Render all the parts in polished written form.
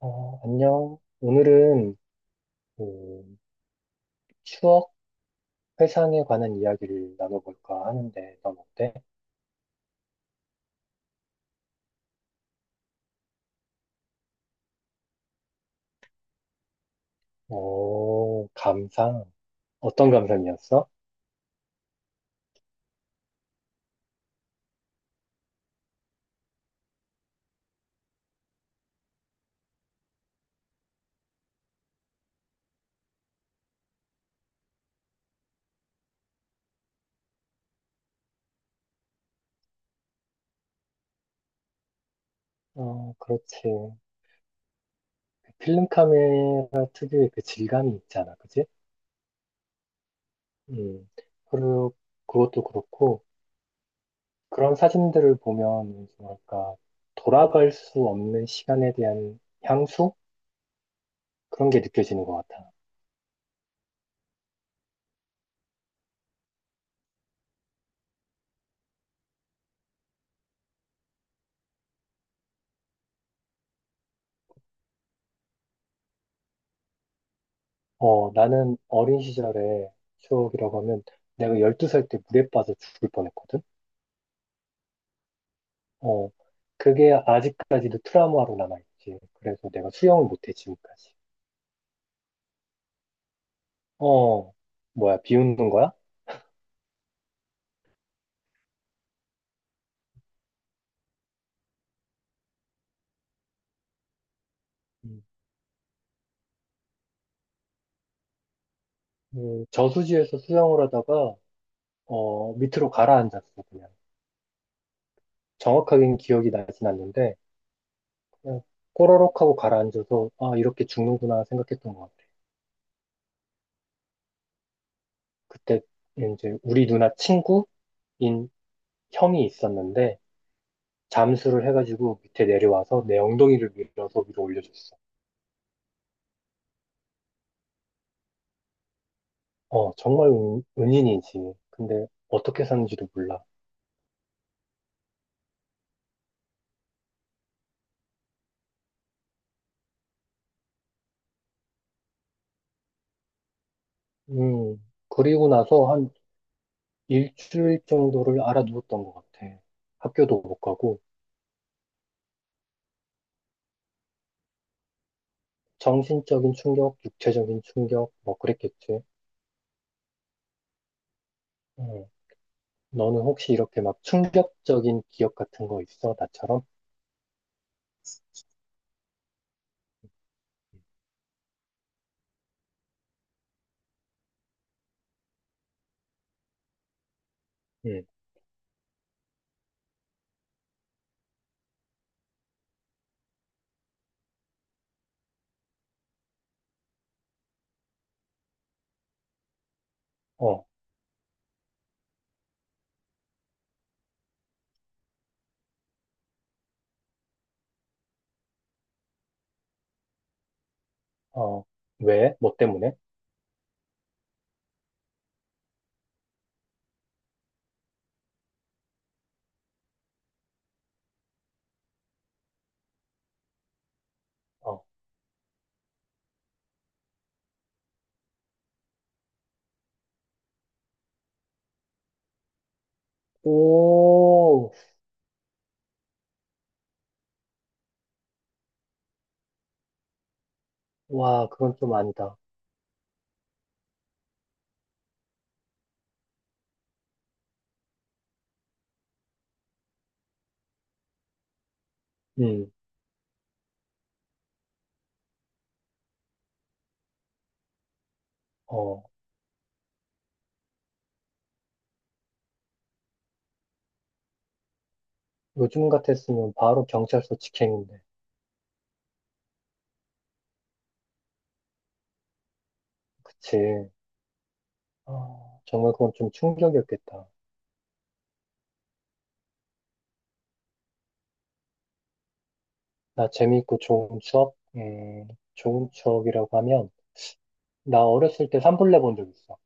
어, 안녕. 오늘은 그 추억 회상에 관한 이야기를 나눠볼까 하는데, 넌 어때? 오, 감상. 어떤 감상이었어? 어, 그렇지. 그 필름 카메라 특유의 그 질감이 있잖아, 그지? 음, 그리고 그것도 그렇고, 그런 사진들을 보면, 뭐랄까, 돌아갈 수 없는 시간에 대한 향수? 그런 게 느껴지는 것 같아. 어, 나는 어린 시절의 추억이라고 하면 내가 12살 때 물에 빠져 죽을 뻔했거든? 어, 그게 아직까지도 트라우마로 남아있지. 그래서 내가 수영을 못해, 지금까지. 어, 뭐야, 비웃는 거야? 음. 그 저수지에서 수영을 하다가, 어, 밑으로 가라앉았어, 그냥. 정확하게는 기억이 나진 않는데, 그냥 꼬르륵 하고 가라앉아서, 아, 이렇게 죽는구나 생각했던 것 같아. 그때 이제 우리 누나 친구인 형이 있었는데, 잠수를 해가지고 밑에 내려와서 내 엉덩이를 밀어서 위로 올려줬어. 어, 정말 은인이지. 근데 어떻게 사는지도 몰라. 음, 그리고 나서 한 일주일 정도를 알아누웠던 것 같아. 학교도 못 가고, 정신적인 충격, 육체적인 충격, 뭐 그랬겠지. 음, 너는 혹시 이렇게 막 충격적인 기억 같은 거 있어? 나처럼? 음, 어, 어, 왜? 뭐 때문에? 어, 오, 와, 그건 좀 아니다. 음. 어, 요즘 같았으면 바로 경찰서 직행인데. 그치. 아, 정말 그건 좀 충격이었겠다. 나 재미있고 좋은 추억? 좋은 추억이라고 하면, 나 어렸을 때 산불 내본 적 있어.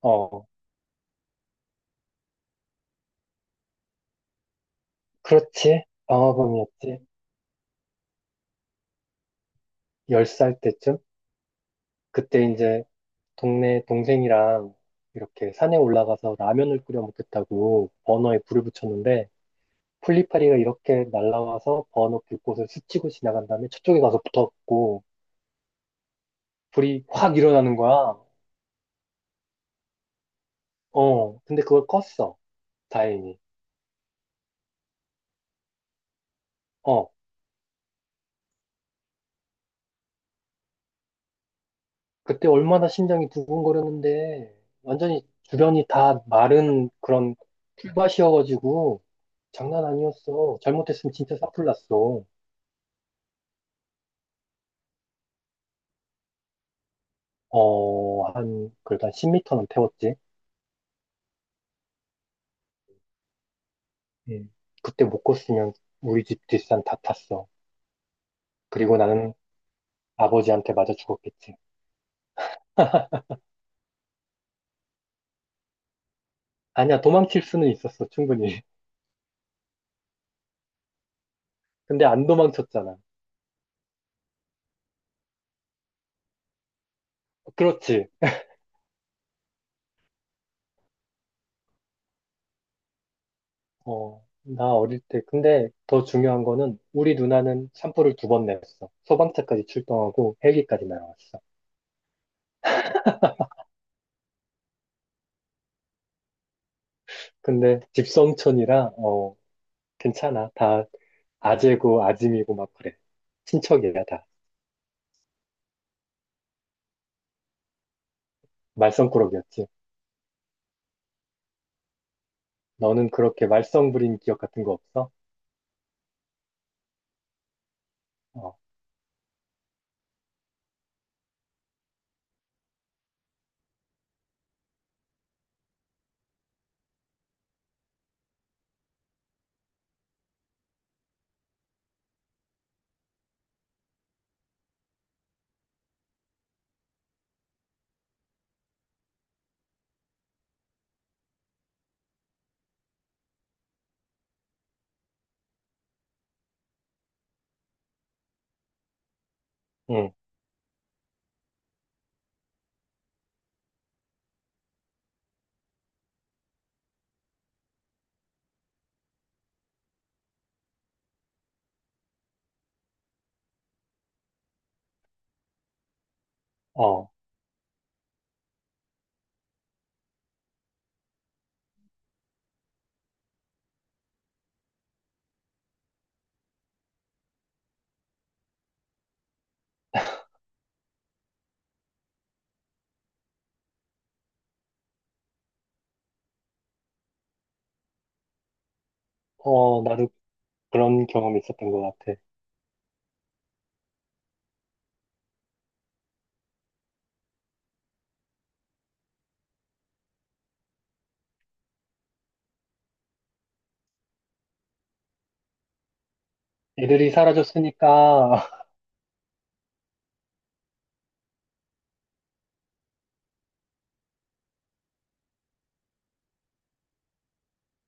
어, 그렇지. 방화범이었지. 10살 때쯤? 그때 이제 동네 동생이랑 이렇게 산에 올라가서 라면을 끓여 먹겠다고 버너에 불을 붙였는데, 풀리파리가 이렇게 날아와서 버너 불꽃을 스치고 지나간 다음에 저쪽에 가서 붙었고, 불이 확 일어나는 거야. 어, 근데 그걸 껐어. 다행히. 어, 그때 얼마나 심장이 두근거렸는데, 완전히 주변이 다 마른 그런 풀밭이어가지고, 장난 아니었어. 잘못했으면 진짜 사풀 났어. 어, 그래도 한 10미터는 태웠지. 음. 그때 못 껐으면 우리 집 뒷산 다 탔어. 그리고 나는 아버지한테 맞아 죽었겠지. 아니야, 도망칠 수는 있었어, 충분히. 근데 안 도망쳤잖아. 그렇지. 어, 나 어릴 때, 근데 더 중요한 거는 우리 누나는 샴푸를 2번 냈어. 소방차까지 출동하고 헬기까지 날아왔어. 근데 집성촌이라, 어, 괜찮아. 다 아재고 아짐이고 막 그래. 친척이야, 다. 말썽꾸러기였지. 너는 그렇게 말썽 부린 기억 같은 거 없어? 어, 응, 어, 어, 나도 그런 경험이 있었던 것 같아. 애들이 사라졌으니까.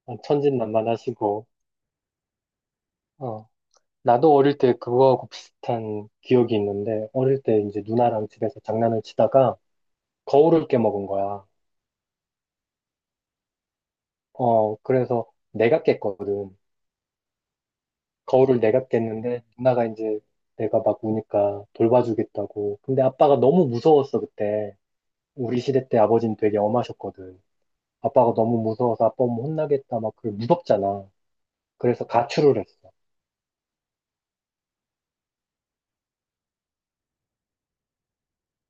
천진난만하시고, 어. 나도 어릴 때 그거하고 비슷한 기억이 있는데, 어릴 때 이제 누나랑 집에서 장난을 치다가 거울을 깨먹은 거야. 어, 그래서 내가 깼거든. 거울을 내가 깼는데, 누나가 이제 내가 막 우니까 돌봐주겠다고. 근데 아빠가 너무 무서웠어, 그때. 우리 시대 때 아버지는 되게 엄하셨거든. 아빠가 너무 무서워서 아빠 오면 혼나겠다, 막, 그 무섭잖아. 그래서 가출을 했어.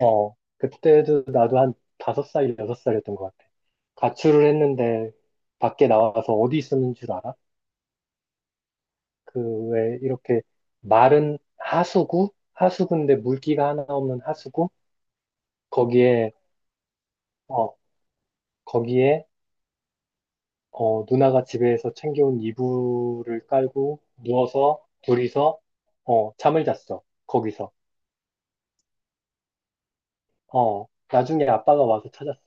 어, 그때도 나도 한 5살, 여섯 살이었던 것 같아. 가출을 했는데 밖에 나와서 어디 있었는 줄 알아? 그 왜 이렇게 마른 하수구? 하수구인데 물기가 하나 없는 하수구? 거기에, 어, 거기에 누나가 집에서 챙겨온 이불을 깔고 누워서 둘이서, 어, 잠을 잤어. 거기서. 어, 나중에 아빠가 와서 찾았어.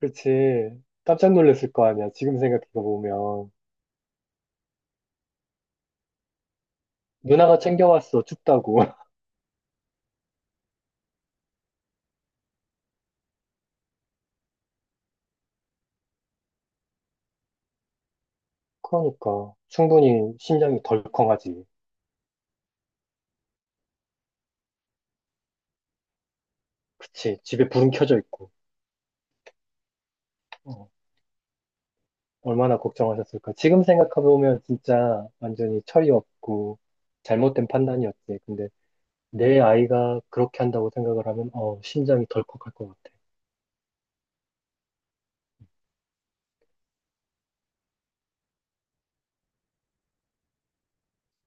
그렇지. 깜짝 놀랐을 거 아니야. 지금 생각해 보면. 누나가 챙겨왔어, 춥다고. 그러니까, 충분히 심장이 덜컹하지. 그치, 집에 불은 켜져 있고. 어, 얼마나 걱정하셨을까. 지금 생각해보면 진짜 완전히 철이 없고, 잘못된 판단이었지. 근데 내 아이가 그렇게 한다고 생각을 하면, 어, 심장이 덜컥할 것 같아.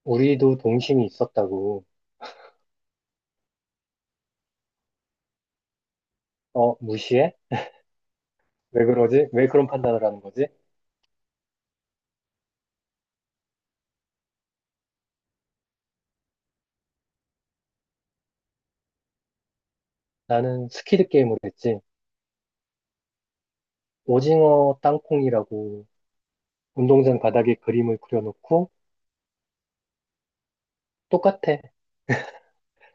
우리도 동심이 있었다고. 어, 무시해? 왜 그러지? 왜 그런 판단을 하는 거지? 나는 스키드 게임을 했지. 오징어 땅콩이라고 운동장 바닥에 그림을 그려놓고 똑같아.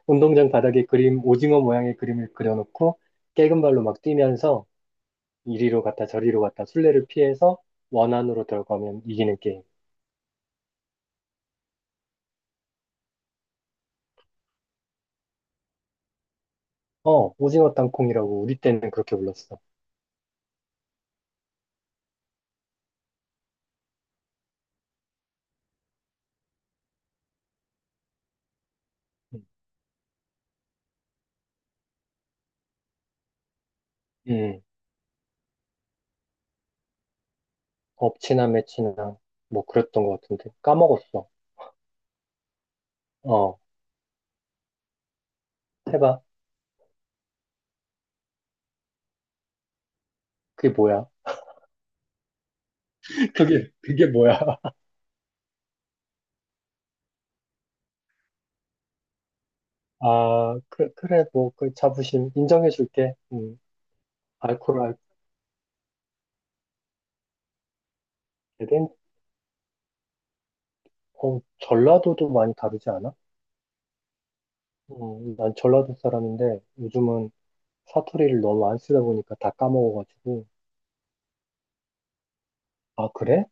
운동장 바닥에 그림, 오징어 모양의 그림을 그려놓고 깨금 발로 막 뛰면서 이리로 갔다 저리로 갔다 술래를 피해서 원 안으로 들어가면 이기는 게임. 어, 오징어 땅콩이라고 우리 때는 그렇게 불렀어. 음. 음, 엎치나 매치나 뭐 그랬던 것 같은데 까먹었어. 어, 해봐. 그게 뭐야? 그게 뭐야? 아, 그래, 그래, 뭐 그 자부심 인정해줄게. 알코올 알코올은 어, 전라도도 많이 다르지 않아? 난 전라도 사람인데 요즘은 사투리를 너무 안 쓰다 보니까 다 까먹어가지고, 아, 그래?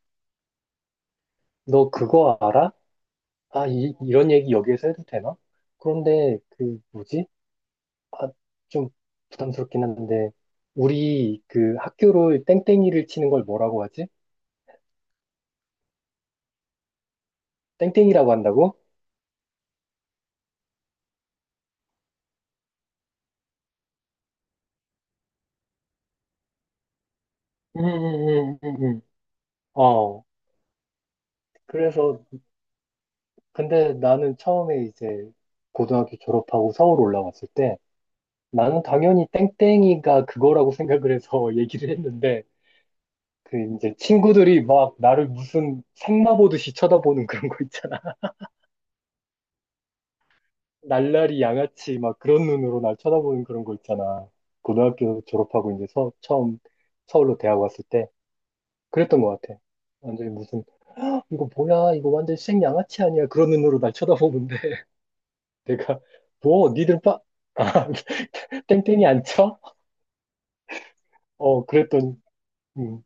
너 그거 알아? 아, 이런 얘기 여기에서 해도 되나? 그런데, 그, 뭐지? 아, 좀 부담스럽긴 한데, 우리 그 학교로 땡땡이를 치는 걸 뭐라고 하지? 땡땡이라고 한다고? 음, 음, 음, 음, 음. 어, 그래서, 근데 나는 처음에 이제 고등학교 졸업하고 서울 올라왔을 때, 나는 당연히 땡땡이가 그거라고 생각을 해서 얘기를 했는데, 그 이제 친구들이 막 나를 무슨 생마 보듯이 쳐다보는 그런 거 있잖아. 날라리 양아치 막 그런 눈으로 날 쳐다보는 그런 거 있잖아. 고등학교 졸업하고 이제 처음 서울로 대학 왔을 때 그랬던 것 같아. 완전히 무슨 "헉, 이거 뭐야 이거 완전 생 양아치 아니야 그런 눈으로 날 쳐다보는데 내가 뭐 니들 빠 아, 땡땡이 안 쳐? 어 그랬던 음,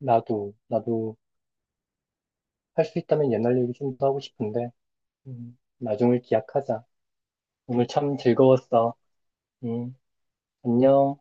나도 할 수 있다면 옛날 얘기 좀 더 하고 싶은데 나중을 기약하자. 오늘 참 즐거웠어. 응, 안녕.